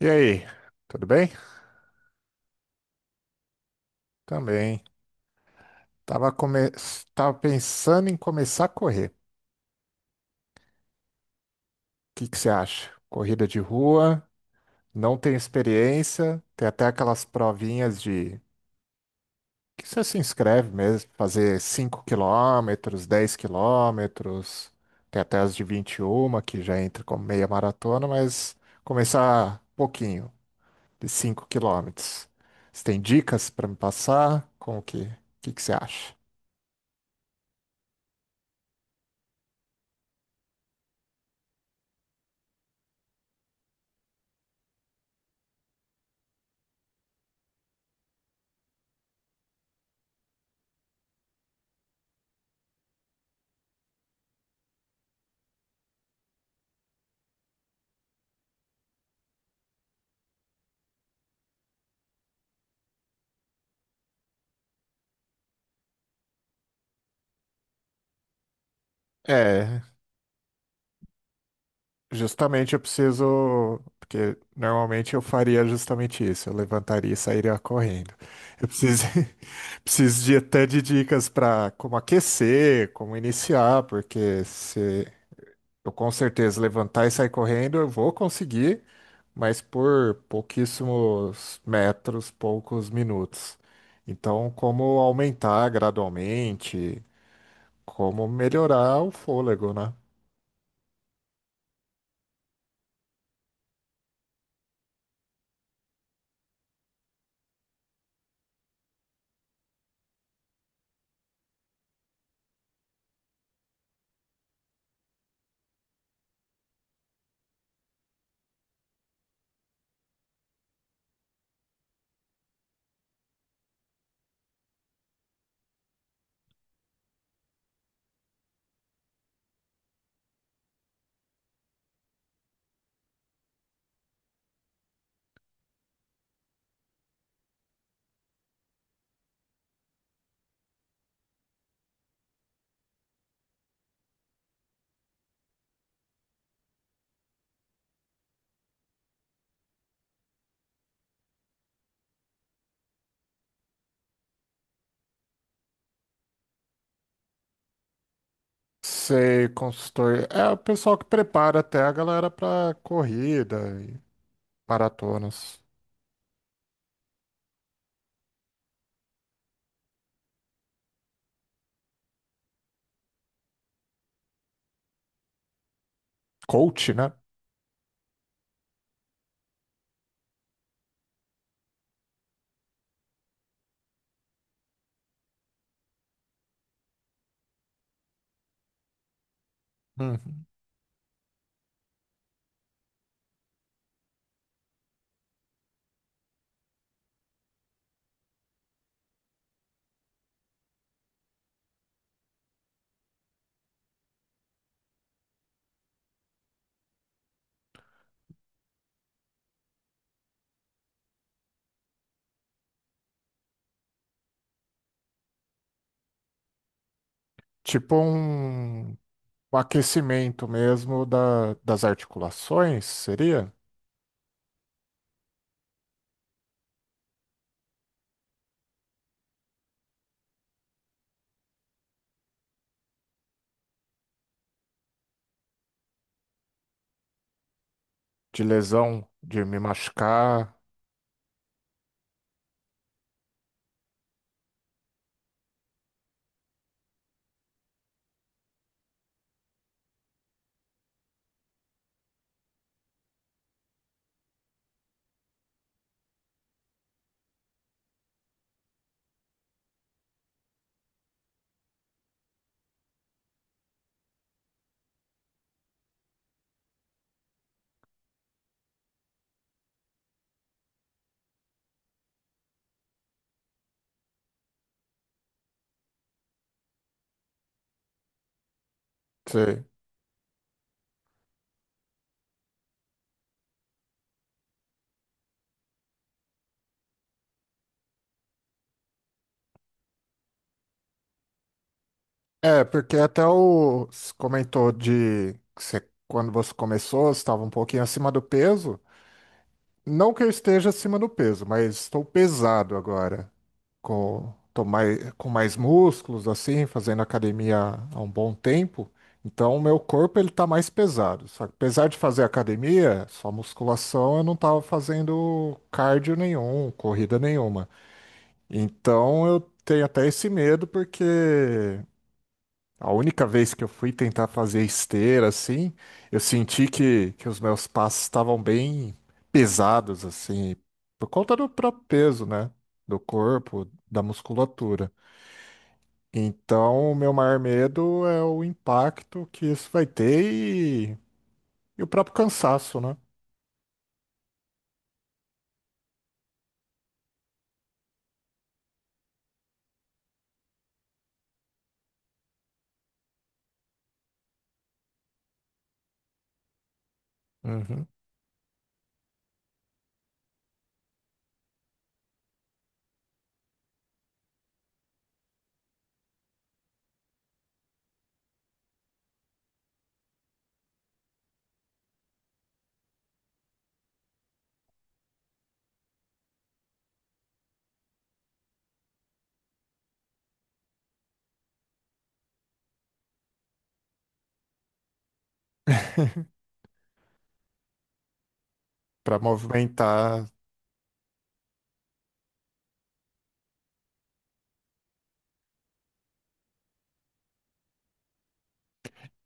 E aí, tudo bem? Também. Tava, come... Tava pensando em começar a correr. O que que você acha? Corrida de rua, não tenho experiência, tem até aquelas provinhas de que você se inscreve mesmo, fazer 5 quilômetros, 10 quilômetros, tem até as de 21 quilômetros que já entra como meia maratona, mas começar pouquinho, de 5 quilômetros. Você tem dicas para me passar? Como que, o que que você acha? É. Justamente eu preciso, porque normalmente eu faria justamente isso, eu levantaria e sairia correndo. Eu preciso, preciso de até de dicas para como aquecer, como iniciar, porque se eu com certeza levantar e sair correndo, eu vou conseguir, mas por pouquíssimos metros, poucos minutos. Então, como aumentar gradualmente, como melhorar o fôlego, né? Sei, consultor. É o pessoal que prepara até a galera pra corrida e maratonas. Coach, né? Uhum. Tipo um, um aquecimento mesmo da, das articulações, seria? De lesão, de me machucar. Sei. É, porque até o você comentou de que você- quando você começou, você estava um pouquinho acima do peso. Não que eu esteja acima do peso, mas estou pesado agora. Tô mais, com mais músculos, assim, fazendo academia há um bom tempo. Então, o meu corpo ele tá mais pesado. Só que apesar de fazer academia, só musculação, eu não tava fazendo cardio nenhum, corrida nenhuma. Então, eu tenho até esse medo, porque a única vez que eu fui tentar fazer esteira, assim, eu senti que os meus passos estavam bem pesados, assim, por conta do próprio peso, né? Do corpo, da musculatura. Então, o meu maior medo é o impacto que isso vai ter e, e o próprio cansaço, né? Uhum. Para movimentar.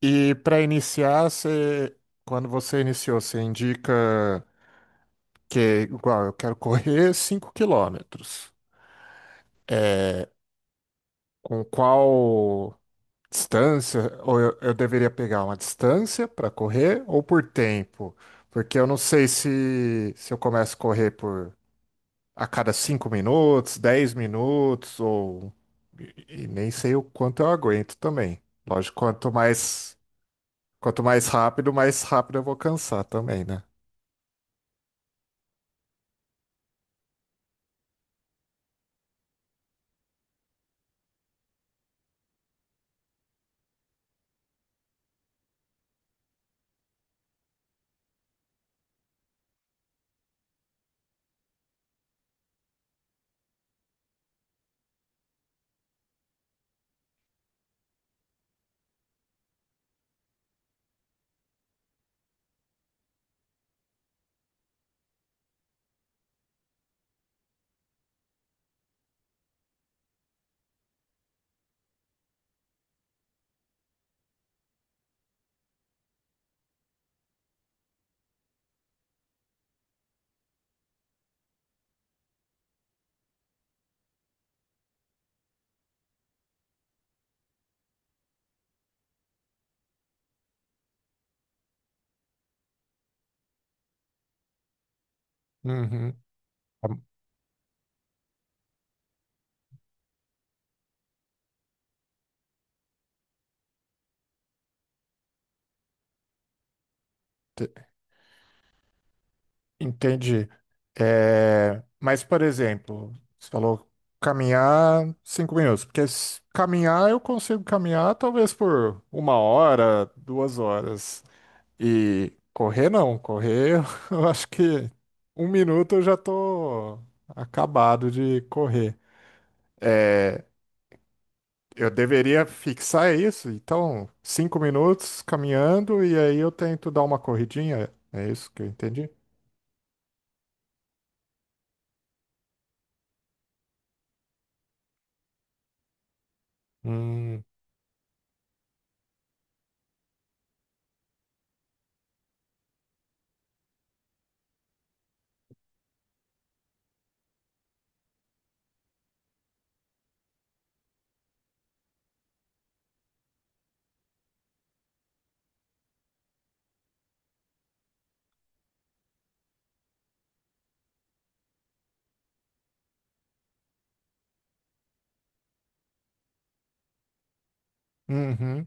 E para iniciar, você, quando você iniciou, você indica que, igual, eu quero correr 5 quilômetros. Com qual distância? Ou eu deveria pegar uma distância para correr ou por tempo? Porque eu não sei se eu começo a correr por a cada 5 minutos, 10 minutos, ou. E nem sei o quanto eu aguento também. Lógico, quanto mais rápido eu vou cansar também, né? Uhum. Te- Entendi. É, mas, por exemplo, você falou caminhar 5 minutos, porque se caminhar eu consigo caminhar talvez por uma hora, 2 horas. E correr não, correr eu acho que um minuto eu já tô acabado de correr. É, eu deveria fixar isso, então 5 minutos caminhando e aí eu tento dar uma corridinha, é isso que eu entendi? Hum, uhum,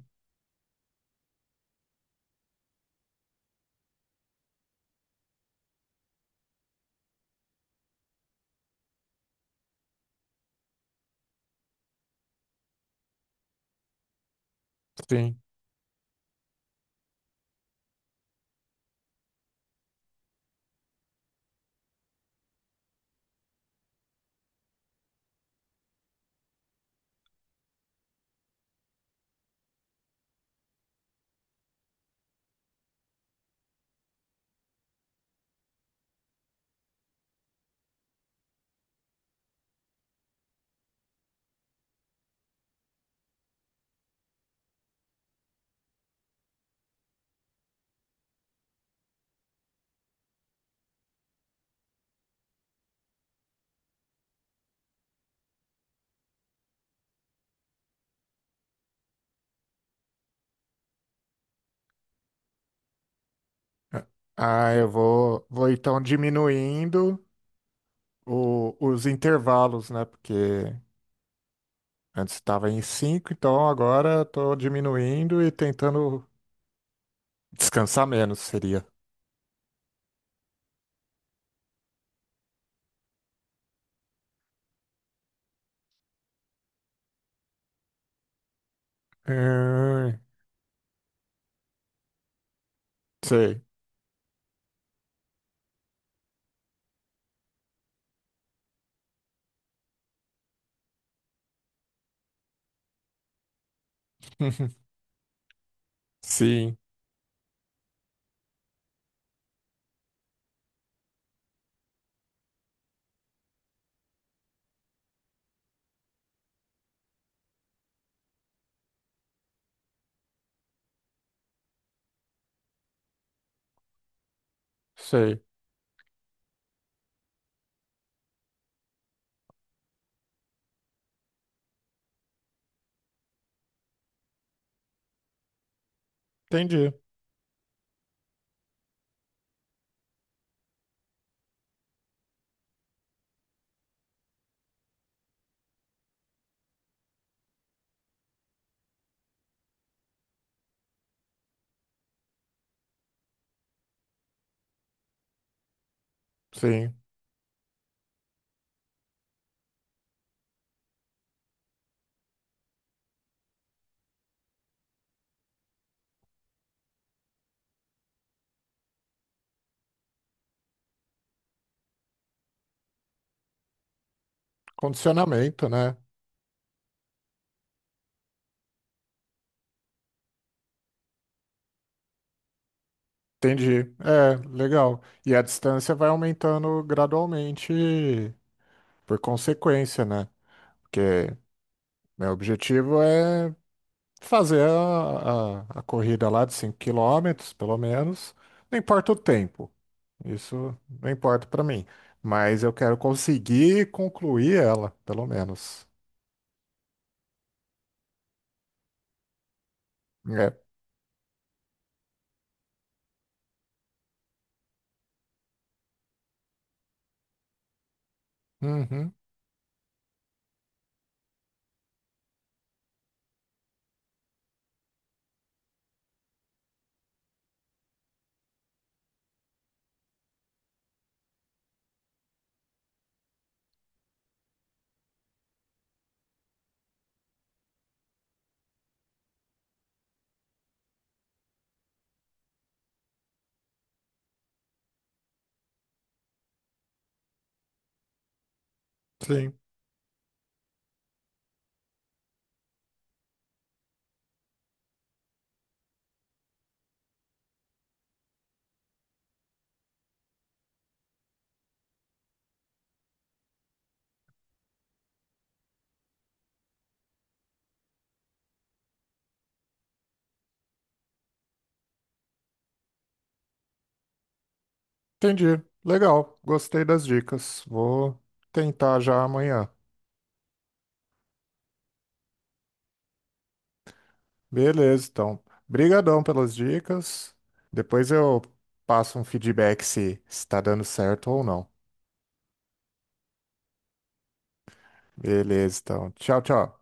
sim. Ah, ah, eu vou então diminuindo os intervalos, né? Porque antes estava em cinco, então agora estou diminuindo e tentando descansar menos seria. Hum, sei. Sim, sei. Entendi. Sim. Condicionamento, né? Entendi. É, legal. E a distância vai aumentando gradualmente por consequência, né? Porque meu objetivo é fazer a corrida lá de 5 quilômetros pelo menos. Não importa o tempo. Isso não importa para mim. Mas eu quero conseguir concluir ela, pelo menos. É. Uhum, sim. Entendi. Legal. Gostei das dicas. Vou tentar já amanhã. Beleza, então. Brigadão pelas dicas. Depois eu passo um feedback se está dando certo ou não. Beleza, então. Tchau, tchau.